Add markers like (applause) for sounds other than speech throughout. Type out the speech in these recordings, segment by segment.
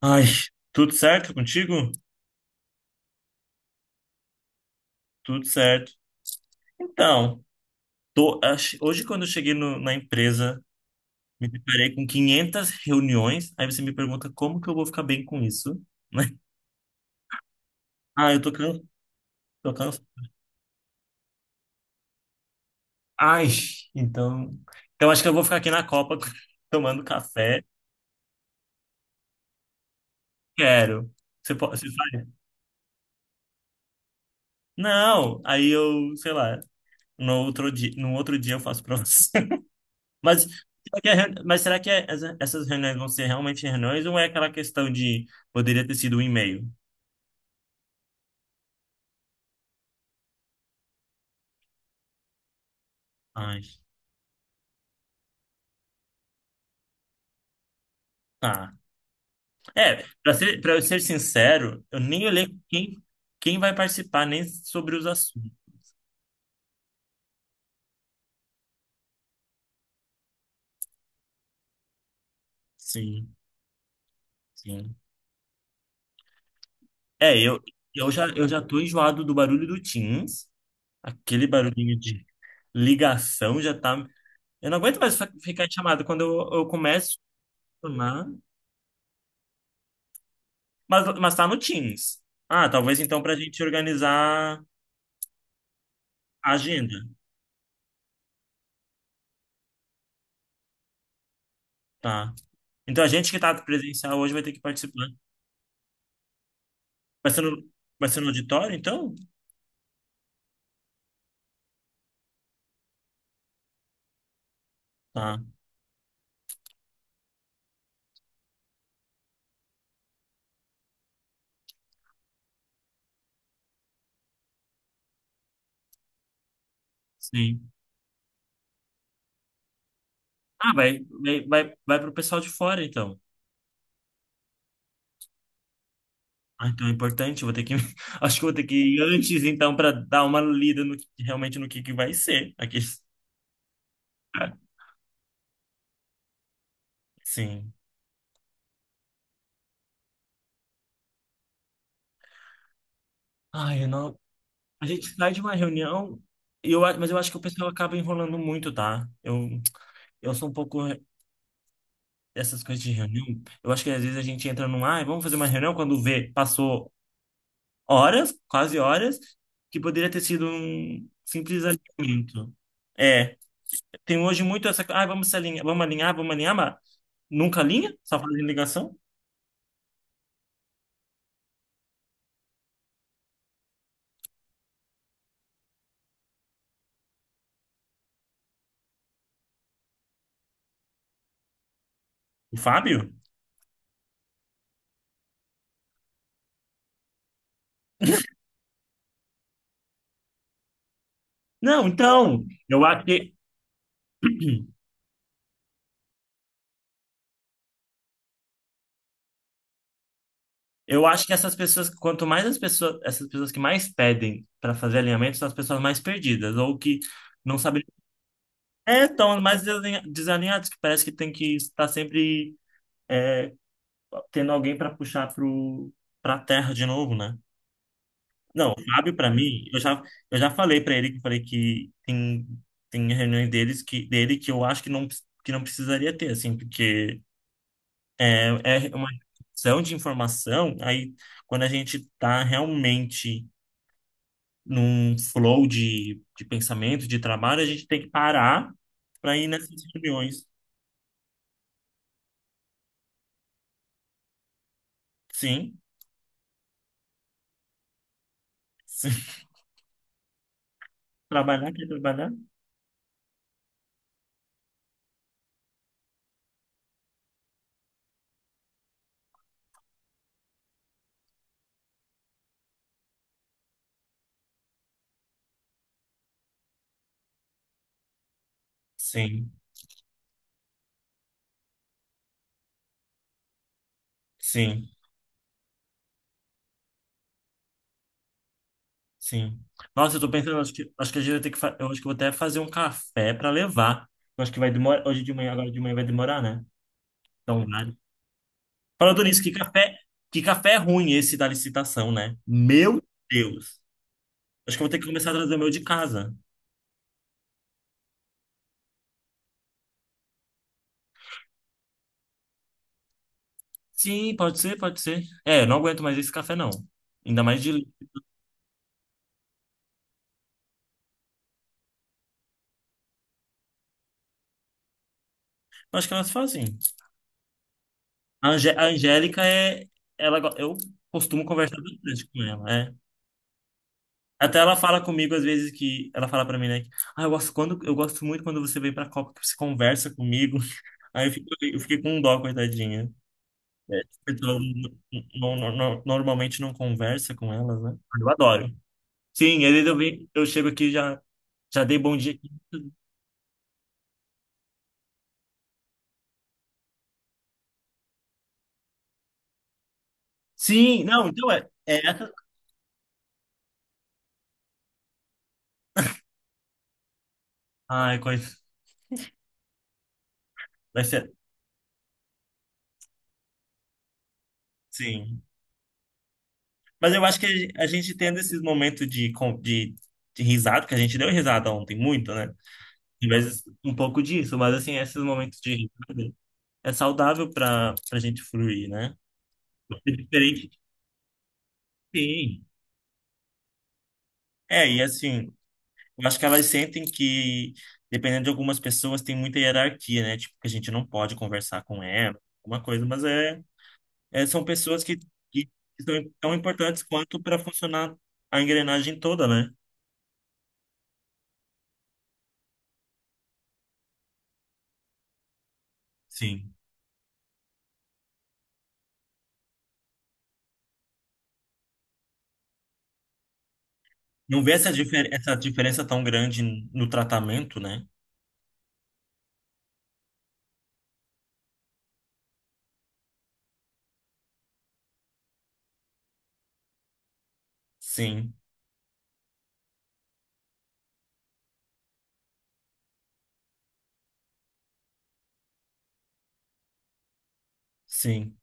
Ai, tudo certo contigo? Tudo certo. Então, hoje quando eu cheguei na empresa, me deparei com 500 reuniões. Aí você me pergunta como que eu vou ficar bem com isso, né? (laughs) Ah, eu tô cansado. Tô cansa- Ai, então, então acho que eu vou ficar aqui na Copa (laughs) tomando café. Quero. Você pode, você faz? Não. Aí eu, sei lá, no outro dia eu faço pra (laughs) você. Mas será que, é reuni- mas será que é- essa- essas reuniões vão ser realmente reuniões ou é aquela questão de poderia ter sido um e-mail? Ai, tá. É, para ser, para eu ser sincero, eu nem olhei quem vai participar, nem sobre os assuntos. Sim, sim. É, eu, eu já tô enjoado do barulho do Teams, aquele barulhinho de ligação já tá. Eu não aguento mais ficar em chamada quando eu começo a funcionar, mas tá no Teams. Ah, talvez então pra gente organizar. Agenda, tá. Então a gente que tá presencial hoje vai ter que participar. Vai ser no, vai ser no auditório, então? Tá, sim. Ah, vai pro pessoal de fora, então. Ah, então é importante, eu vou ter que. (laughs) Acho que eu vou ter que ir antes, então, para dar uma lida realmente no que vai ser aqui. (laughs) Sim. Ai, eu não... A gente sai de uma reunião, e mas eu acho que o pessoal acaba enrolando muito, tá? Eu sou um pouco dessas coisas de reunião. Eu acho que às vezes a gente entra num, ai, vamos fazer uma reunião quando vê, passou horas, quase horas, que poderia ter sido um simples alinhamento. É, tem hoje muito essa. Ah, vamos se alinhar, vamos alinhar, vamos alinhar, mas nunca alinha? Só fazendo ligação? O Fábio? Não, então, eu acho que, (clears throat) eu acho que essas pessoas, quanto mais as pessoas, essas pessoas que mais pedem para fazer alinhamento são as pessoas mais perdidas, ou que não sabem. É, estão mais desalinhadas, que parece que tem que estar sempre tendo alguém para puxar pro, pra terra de novo, né? Não, o Fábio, para mim, eu já falei para ele que falei que tem reuniões dele que eu acho que não precisaria ter, assim, porque é uma questão de informação, aí quando a gente tá realmente num flow de pensamento, de trabalho, a gente tem que parar para ir nessas reuniões. Sim, sim. (laughs) Trabalhar, quer trabalhar? Sim, sim. Sim. Nossa, eu tô pensando, acho que a gente vai ter que, eu acho que eu vou até fazer um café pra levar. Eu acho que vai demorar, hoje de manhã, agora de manhã vai demorar, né? Então, vale. Falando nisso, que café ruim esse da licitação, né? Meu Deus. Acho que eu vou ter que começar a trazer o meu de casa. Sim, pode ser, pode ser. É, eu não aguento mais esse café, não. Ainda mais de... Acho que elas fazem. A Angélica é... eu costumo conversar bastante com ela, é. Até ela fala comigo às vezes que ela fala pra mim, né? que, Ah, eu gosto muito quando você vem pra Copa, que você conversa comigo. (laughs) Eu fiquei com dó, coitadinha. Porque eu normalmente não conversa com elas, né? Eu adoro. Sim, às vezes eu venho, eu chego aqui e já dei bom dia. Sim, não, então é, é essa. Ai, coisa. Vai ser. Sim. Mas eu acho que a gente tendo esses momentos de risada, que a gente deu risada ontem muito, né? Mas um pouco disso, mas assim, esses momentos de risada é saudável para pra gente fruir, né? É diferente de quem. É, e assim, eu acho que elas sentem que, dependendo de algumas pessoas, tem muita hierarquia, né? Tipo, que a gente não pode conversar com ela, alguma coisa, mas é, é são pessoas que são tão importantes quanto para funcionar a engrenagem toda, né? Sim. Não vê essa diferença tão grande no tratamento, né? Sim, sim.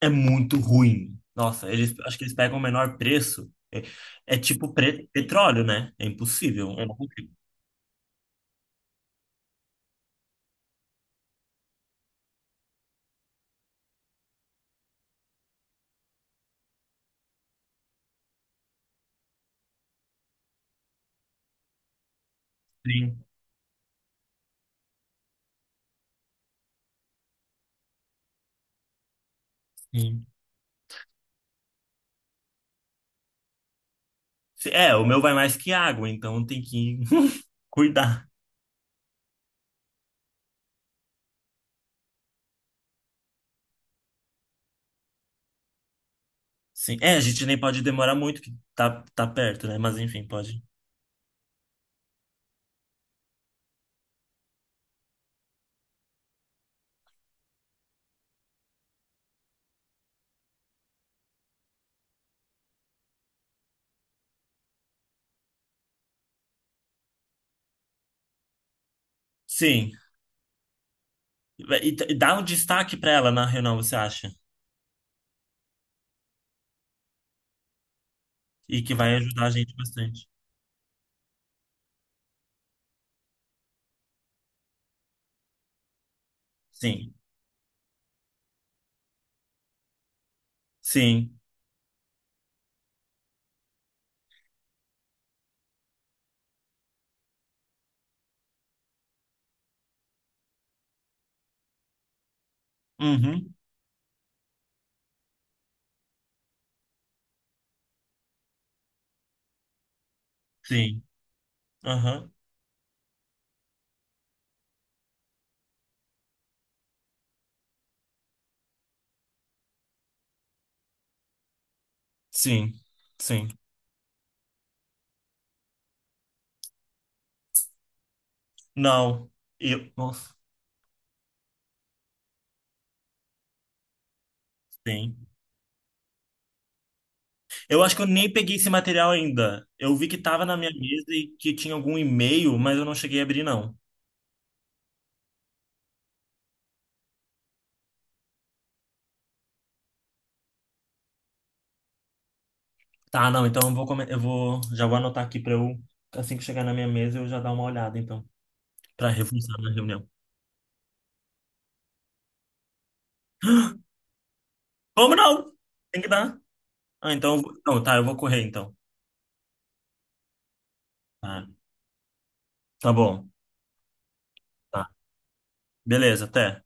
é muito ruim. Nossa, eles, acho que eles pegam o menor preço. É, é tipo petróleo, né? É impossível. Eu não consigo. Sim, sim. Se- É, o meu vai mais que água, então tem que (laughs) cuidar. Sim. É, a gente nem pode demorar muito, que tá perto, né? Mas enfim, pode. Sim. E dá um destaque pra ela na reunião, você acha? E que vai ajudar a gente bastante. Sim. Sim. Uhum. Sim. Aham. Sim. Sim. Não. Eu. Nossa. Sim. Eu acho que eu nem peguei esse material ainda. Eu vi que tava na minha mesa e que tinha algum e-mail, mas eu não cheguei a abrir, não. Tá, não, então eu vou, já vou anotar aqui pra eu, assim que chegar na minha mesa, eu já dar uma olhada, então, pra reforçar na reunião. Como não? Tem que dar. Ah, então, eu vou- não, tá, eu vou correr, então. Tá, tá bom. Tá. Beleza, até.